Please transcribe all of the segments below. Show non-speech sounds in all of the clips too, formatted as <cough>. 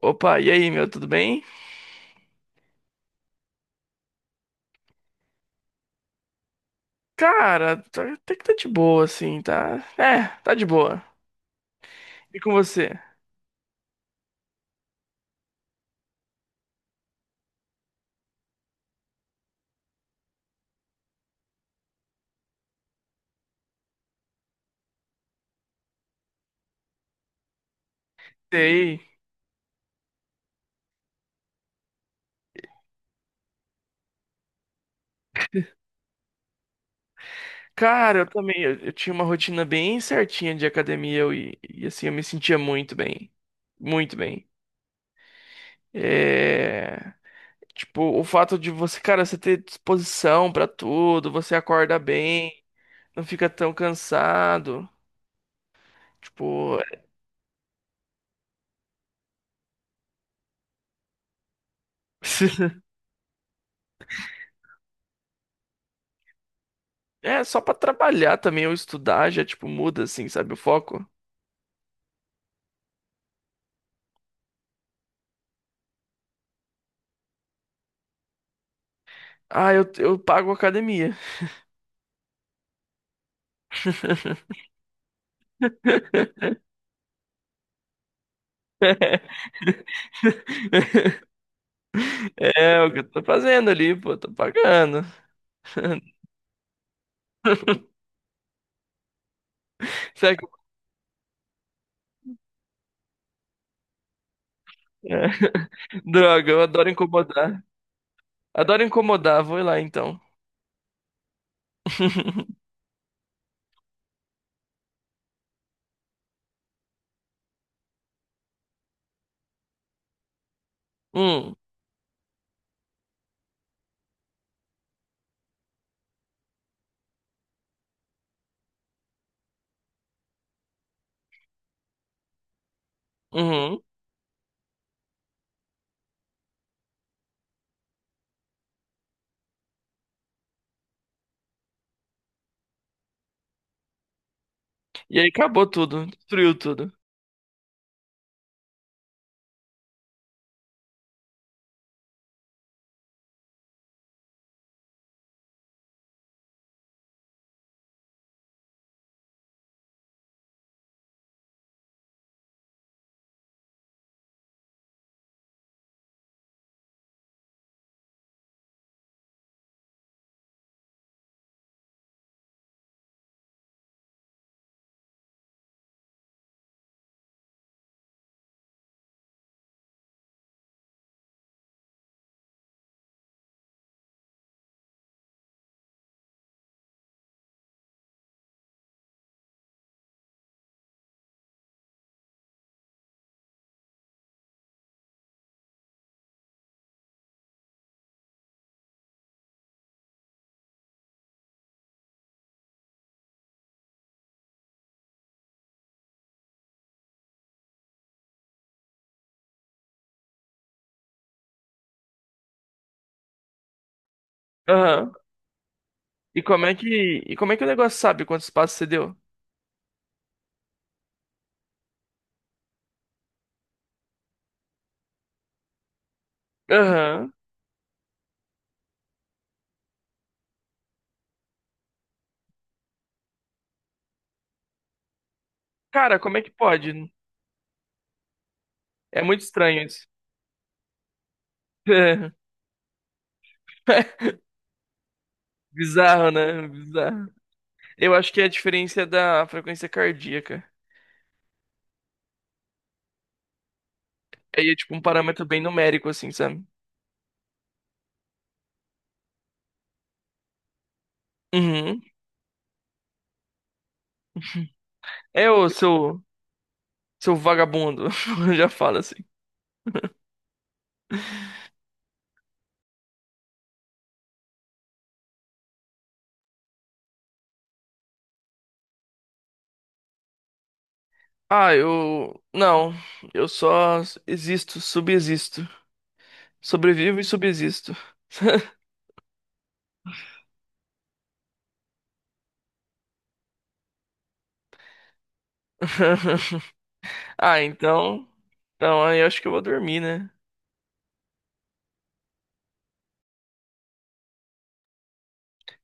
Opa, e aí, meu, tudo bem? Cara, até que tá de boa, assim, tá? É, tá de boa. E com você? Sei. Cara, eu também, eu tinha uma rotina bem certinha de academia assim, eu me sentia muito bem. Muito bem. É... Tipo, o fato de você, cara, você ter disposição pra tudo, você acorda bem, não fica tão cansado. Tipo, <laughs> é só pra trabalhar também ou estudar já, tipo, muda, assim, sabe, o foco. Ah, eu pago academia. <laughs> É o que eu tô fazendo ali, pô, tô pagando. <laughs> Será que... é. <laughs> Droga, eu adoro incomodar. Adoro incomodar, vou lá então. <laughs> Hum, uhum. E aí acabou tudo, destruiu tudo. Aham. E como é que, e como é que o negócio sabe quantos passos você deu? Aham. Cara, como é que pode? É muito estranho isso. <laughs> Bizarro, né? Bizarro. Eu acho que a diferença é da frequência cardíaca. Aí é tipo um parâmetro bem numérico, assim, sabe? Uhum. É o seu vagabundo, <laughs> já fala assim. Ah, eu. Não, eu só existo, subsisto. Sobrevivo e subsisto. <laughs> Ah, então. Então, aí eu acho que eu vou dormir, né?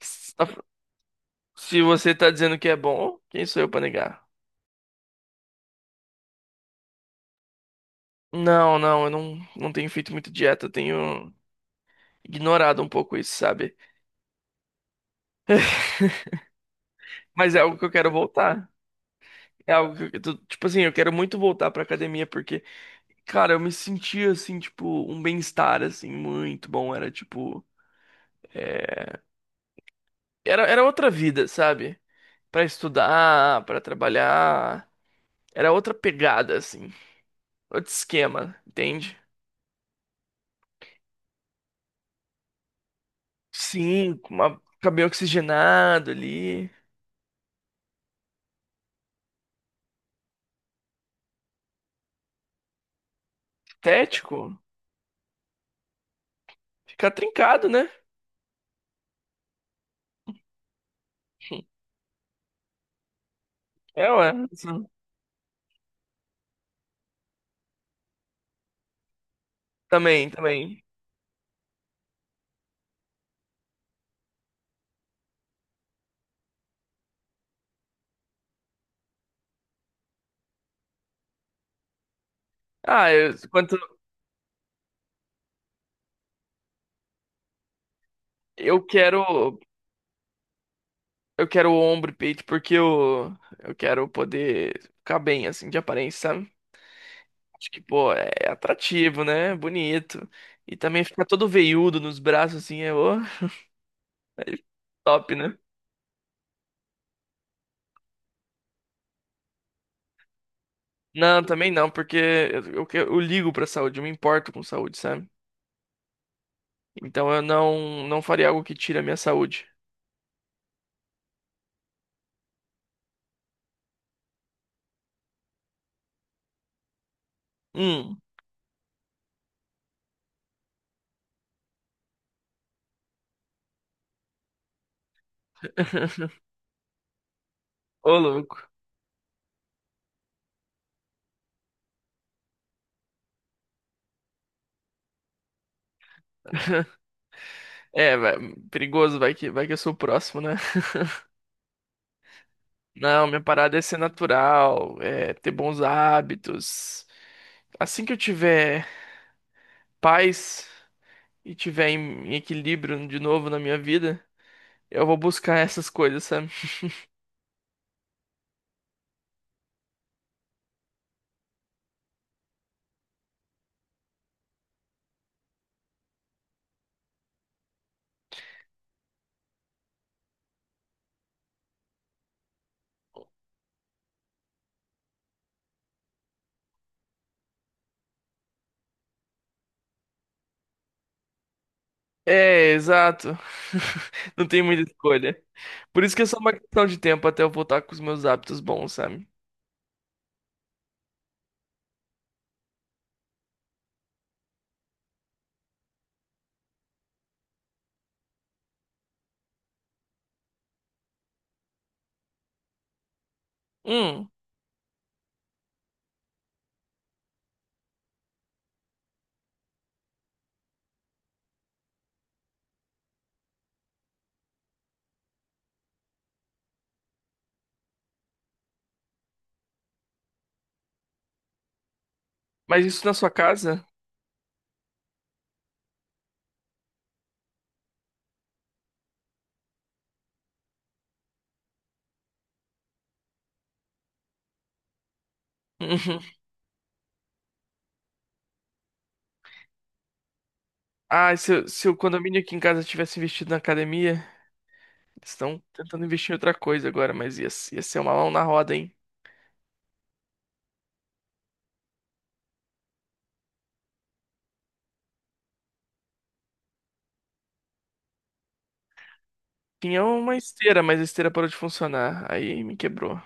Se se você tá dizendo que é bom, quem sou eu pra negar? Não, não, eu não, não tenho feito muito dieta, eu tenho ignorado um pouco isso, sabe? <laughs> Mas é algo que eu quero voltar. É algo que tipo assim, eu quero muito voltar pra academia porque, cara, eu me sentia assim, tipo, um bem-estar assim muito bom, era tipo, era outra vida, sabe? Pra estudar, pra trabalhar, era outra pegada assim, outro esquema, entende? Sim, com uma cabelo oxigenado ali, estético, fica trincado, né? É, ué. Sim. Também, também. Ah, eu, quanto eu quero Eu quero ombro e peito porque eu quero poder ficar bem, assim, de aparência, sabe? Acho que, pô, é atrativo, né? Bonito. E também ficar todo veiudo nos braços, assim, é, ô, é top, né? Não, também não, porque eu ligo pra saúde, eu me importo com saúde, sabe? Então eu não, não faria algo que tire a minha saúde. Hum, <laughs> ô louco. <laughs> É, vai, perigoso, vai que eu sou o próximo, né? <laughs> Não, minha parada é ser natural, é ter bons hábitos. Assim que eu tiver paz e tiver em, em equilíbrio de novo na minha vida, eu vou buscar essas coisas, sabe? É, exato. <laughs> Não tem muita escolha. Por isso que é só uma questão de tempo até eu voltar com os meus hábitos bons, sabe? Hum, mas isso na sua casa? Uhum. Ah, se o condomínio aqui em casa tivesse investido na academia, eles estão tentando investir em outra coisa agora, mas ia ser uma mão na roda, hein? Tinha uma esteira, mas a esteira parou de funcionar. Aí me quebrou.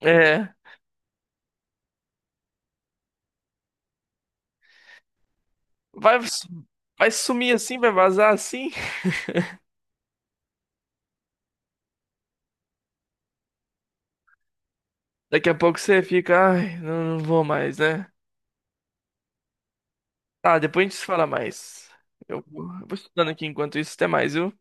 É. Vai, vai sumir assim, vai vazar assim. <laughs> Daqui a pouco você fica, ai, não, não vou mais, né? Tá, depois a gente se fala mais. Eu vou estudando aqui enquanto isso. Até mais, viu?